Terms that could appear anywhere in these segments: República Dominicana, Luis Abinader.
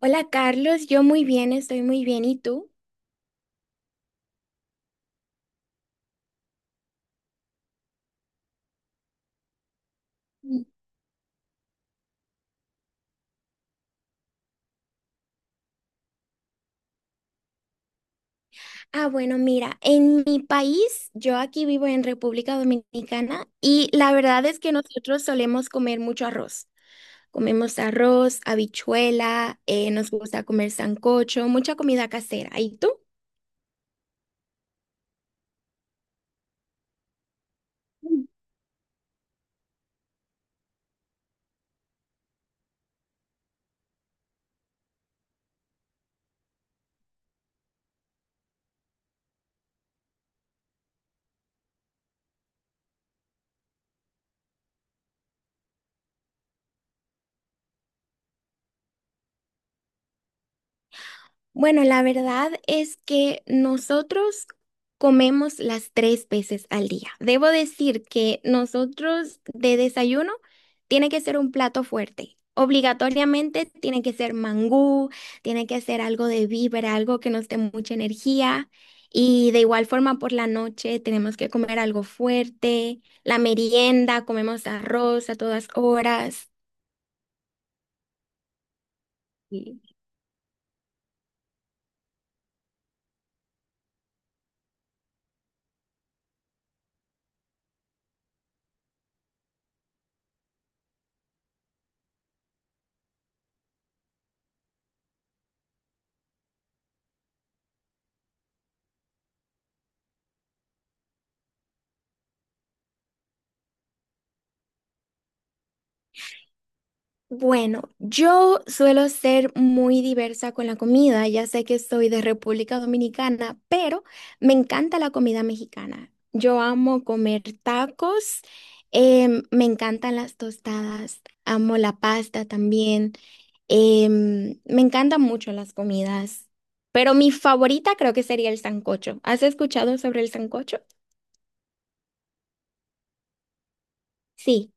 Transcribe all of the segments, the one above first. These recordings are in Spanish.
Hola Carlos, yo muy bien, estoy muy bien. ¿Y tú? Ah, bueno, mira, en mi país, yo aquí vivo en República Dominicana y la verdad es que nosotros solemos comer mucho arroz. Comemos arroz, habichuela, nos gusta comer sancocho, mucha comida casera. ¿Y tú? Bueno, la verdad es que nosotros comemos las tres veces al día. Debo decir que nosotros de desayuno tiene que ser un plato fuerte. Obligatoriamente tiene que ser mangú, tiene que ser algo de víbora, algo que nos dé mucha energía. Y de igual forma por la noche tenemos que comer algo fuerte. La merienda, comemos arroz a todas horas. Bueno, yo suelo ser muy diversa con la comida, ya sé que soy de República Dominicana, pero me encanta la comida mexicana. Yo amo comer tacos, me encantan las tostadas, amo la pasta también, me encantan mucho las comidas, pero mi favorita creo que sería el sancocho. ¿Has escuchado sobre el sancocho? Sí.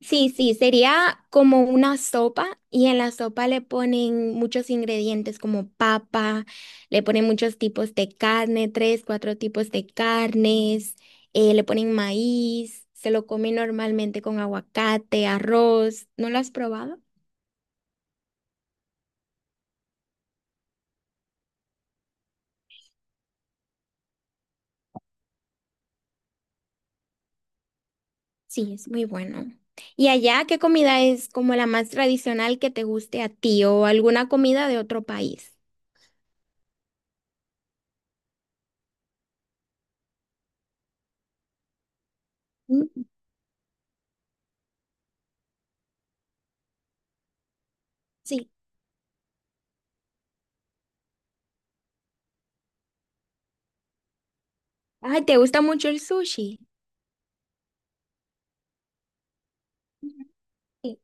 Sí, sí, sería como una sopa y en la sopa le ponen muchos ingredientes como papa, le ponen muchos tipos de carne, tres, cuatro tipos de carnes, le ponen maíz, se lo come normalmente con aguacate, arroz. ¿No lo has probado? Sí, es muy bueno. ¿Y allá qué comida es como la más tradicional que te guste a ti o alguna comida de otro país? Mm. Sí. Ay, ¿te gusta mucho el sushi? Ujú.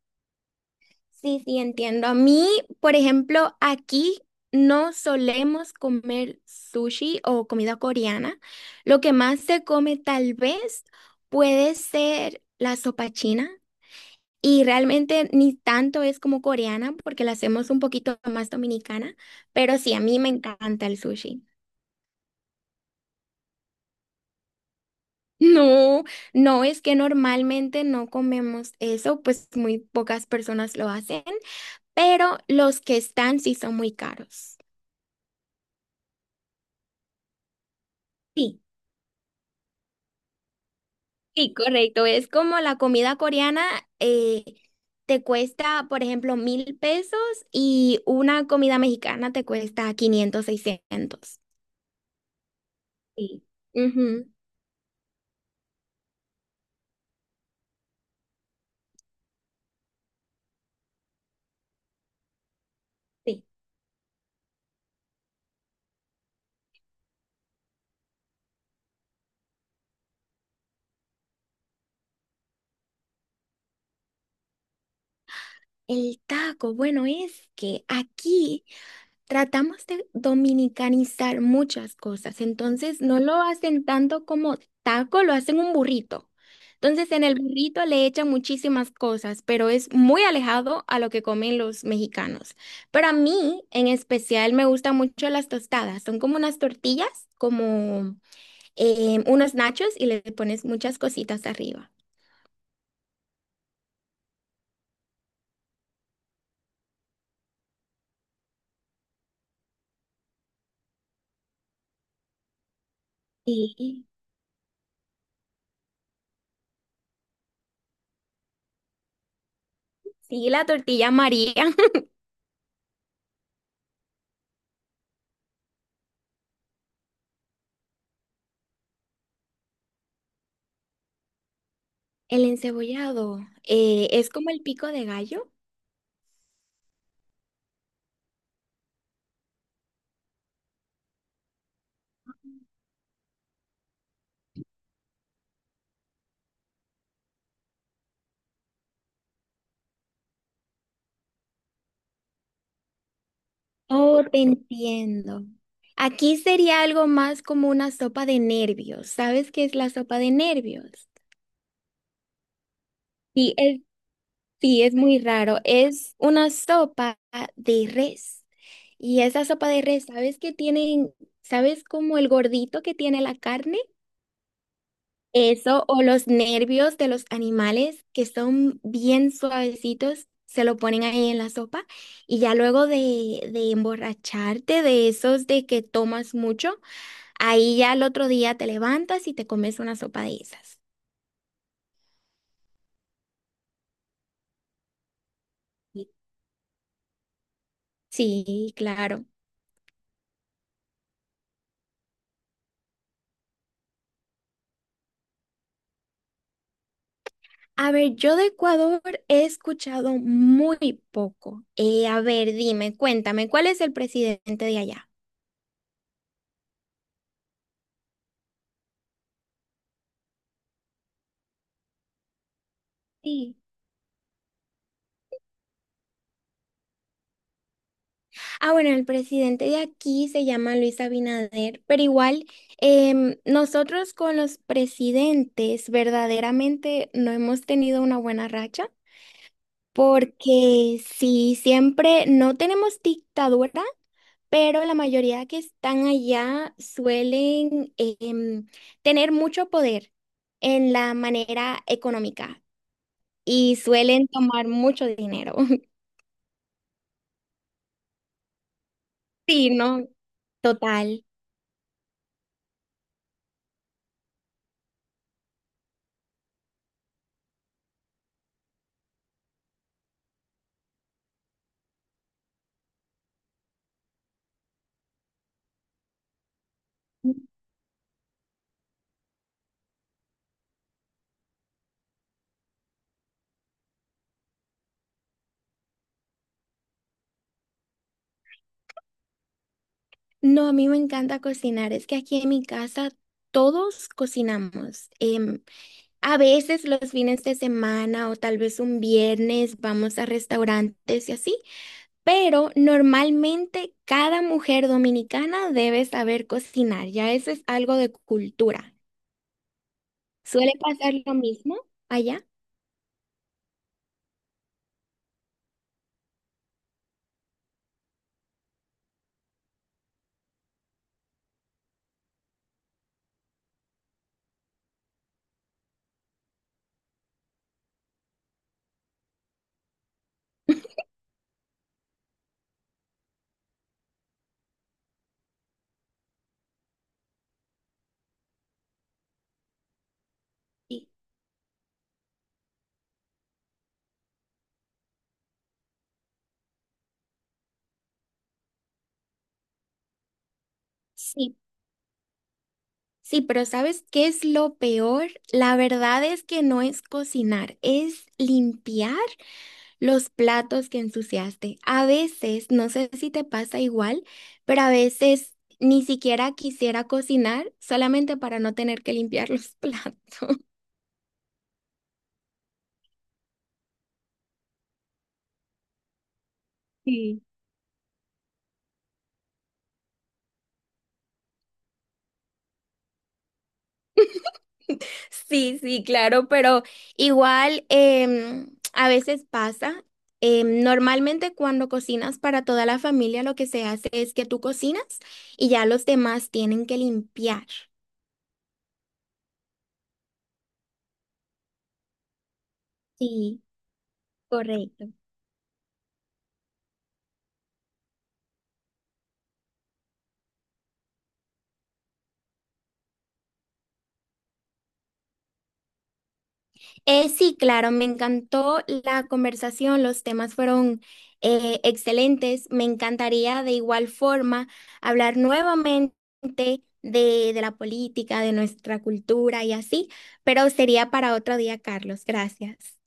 Sí, sí, entiendo. A mí, por ejemplo, aquí no solemos comer sushi o comida coreana. Lo que más se come tal vez puede ser la sopa china. Y realmente ni tanto es como coreana porque la hacemos un poquito más dominicana, pero sí, a mí me encanta el sushi. No, no es que normalmente no comemos eso, pues muy pocas personas lo hacen, pero los que están sí son muy caros. Sí, sí, correcto. Es como la comida coreana, eh, te cuesta, por ejemplo, 1.000 pesos y una comida mexicana te cuesta 500, 600. Sí. Ujú. Sí. El taco, bueno, es que aquí tratamos de dominicanizar muchas cosas, entonces no lo hacen tanto como taco, lo hacen un burrito. Entonces en el burrito le echan muchísimas cosas, pero es muy alejado a lo que comen los mexicanos. Pero a mí en especial me gustan mucho las tostadas, son como unas tortillas, como unos nachos y le pones muchas cositas arriba. Sí, sí, la tortilla María. El encebollado, ¿es como el pico de gallo? Oh, te entiendo. Aquí sería algo más como una sopa de nervios. ¿Sabes qué es la sopa de nervios? Sí, es, sí, es muy raro. Es una sopa de res. Y esa sopa de res, ¿sabes qué tienen? ¿Sabes como el gordito que tiene la carne? Eso, o los nervios de los animales que son bien suavecitos, se lo ponen ahí en la sopa y ya luego de emborracharte de esos de que tomas mucho, ahí ya al otro día te levantas y te comes una sopa de esas. Sí, claro. A ver, yo de Ecuador he escuchado muy poco. A ver, dime, cuéntame, ¿cuál es el presidente de allá? Sí. Ah, bueno, el presidente de aquí se llama Luis Abinader, pero igual nosotros con los presidentes verdaderamente no hemos tenido una buena racha, porque sí, siempre no tenemos dictadura, pero la mayoría que están allá suelen tener mucho poder en la manera económica y suelen tomar mucho dinero. Sí, ¿no? Total. No, a mí me encanta cocinar. Es que aquí en mi casa todos cocinamos. A veces los fines de semana o tal vez un viernes vamos a restaurantes y así, pero normalmente cada mujer dominicana debe saber cocinar. Ya eso es algo de cultura. ¿Suele pasar lo mismo allá? Sí, sí, sí, pero ¿sabes qué es lo peor? La verdad es que no es cocinar, es limpiar los platos que ensuciaste. A veces, no sé si te pasa igual, pero a veces ni siquiera quisiera cocinar solamente para no tener que limpiar los platos. Sí, sí, claro, pero igual, a veces pasa. Em, normalmente cuando cocinas para toda la familia lo que se hace es que tú cocinas y ya los demás tienen que limpiar. Sí, correcto. Sí, claro, me encantó la conversación, los temas fueron excelentes. Me encantaría de igual forma hablar nuevamente de la política, de nuestra cultura y así, pero sería para otro día, Carlos. Gracias.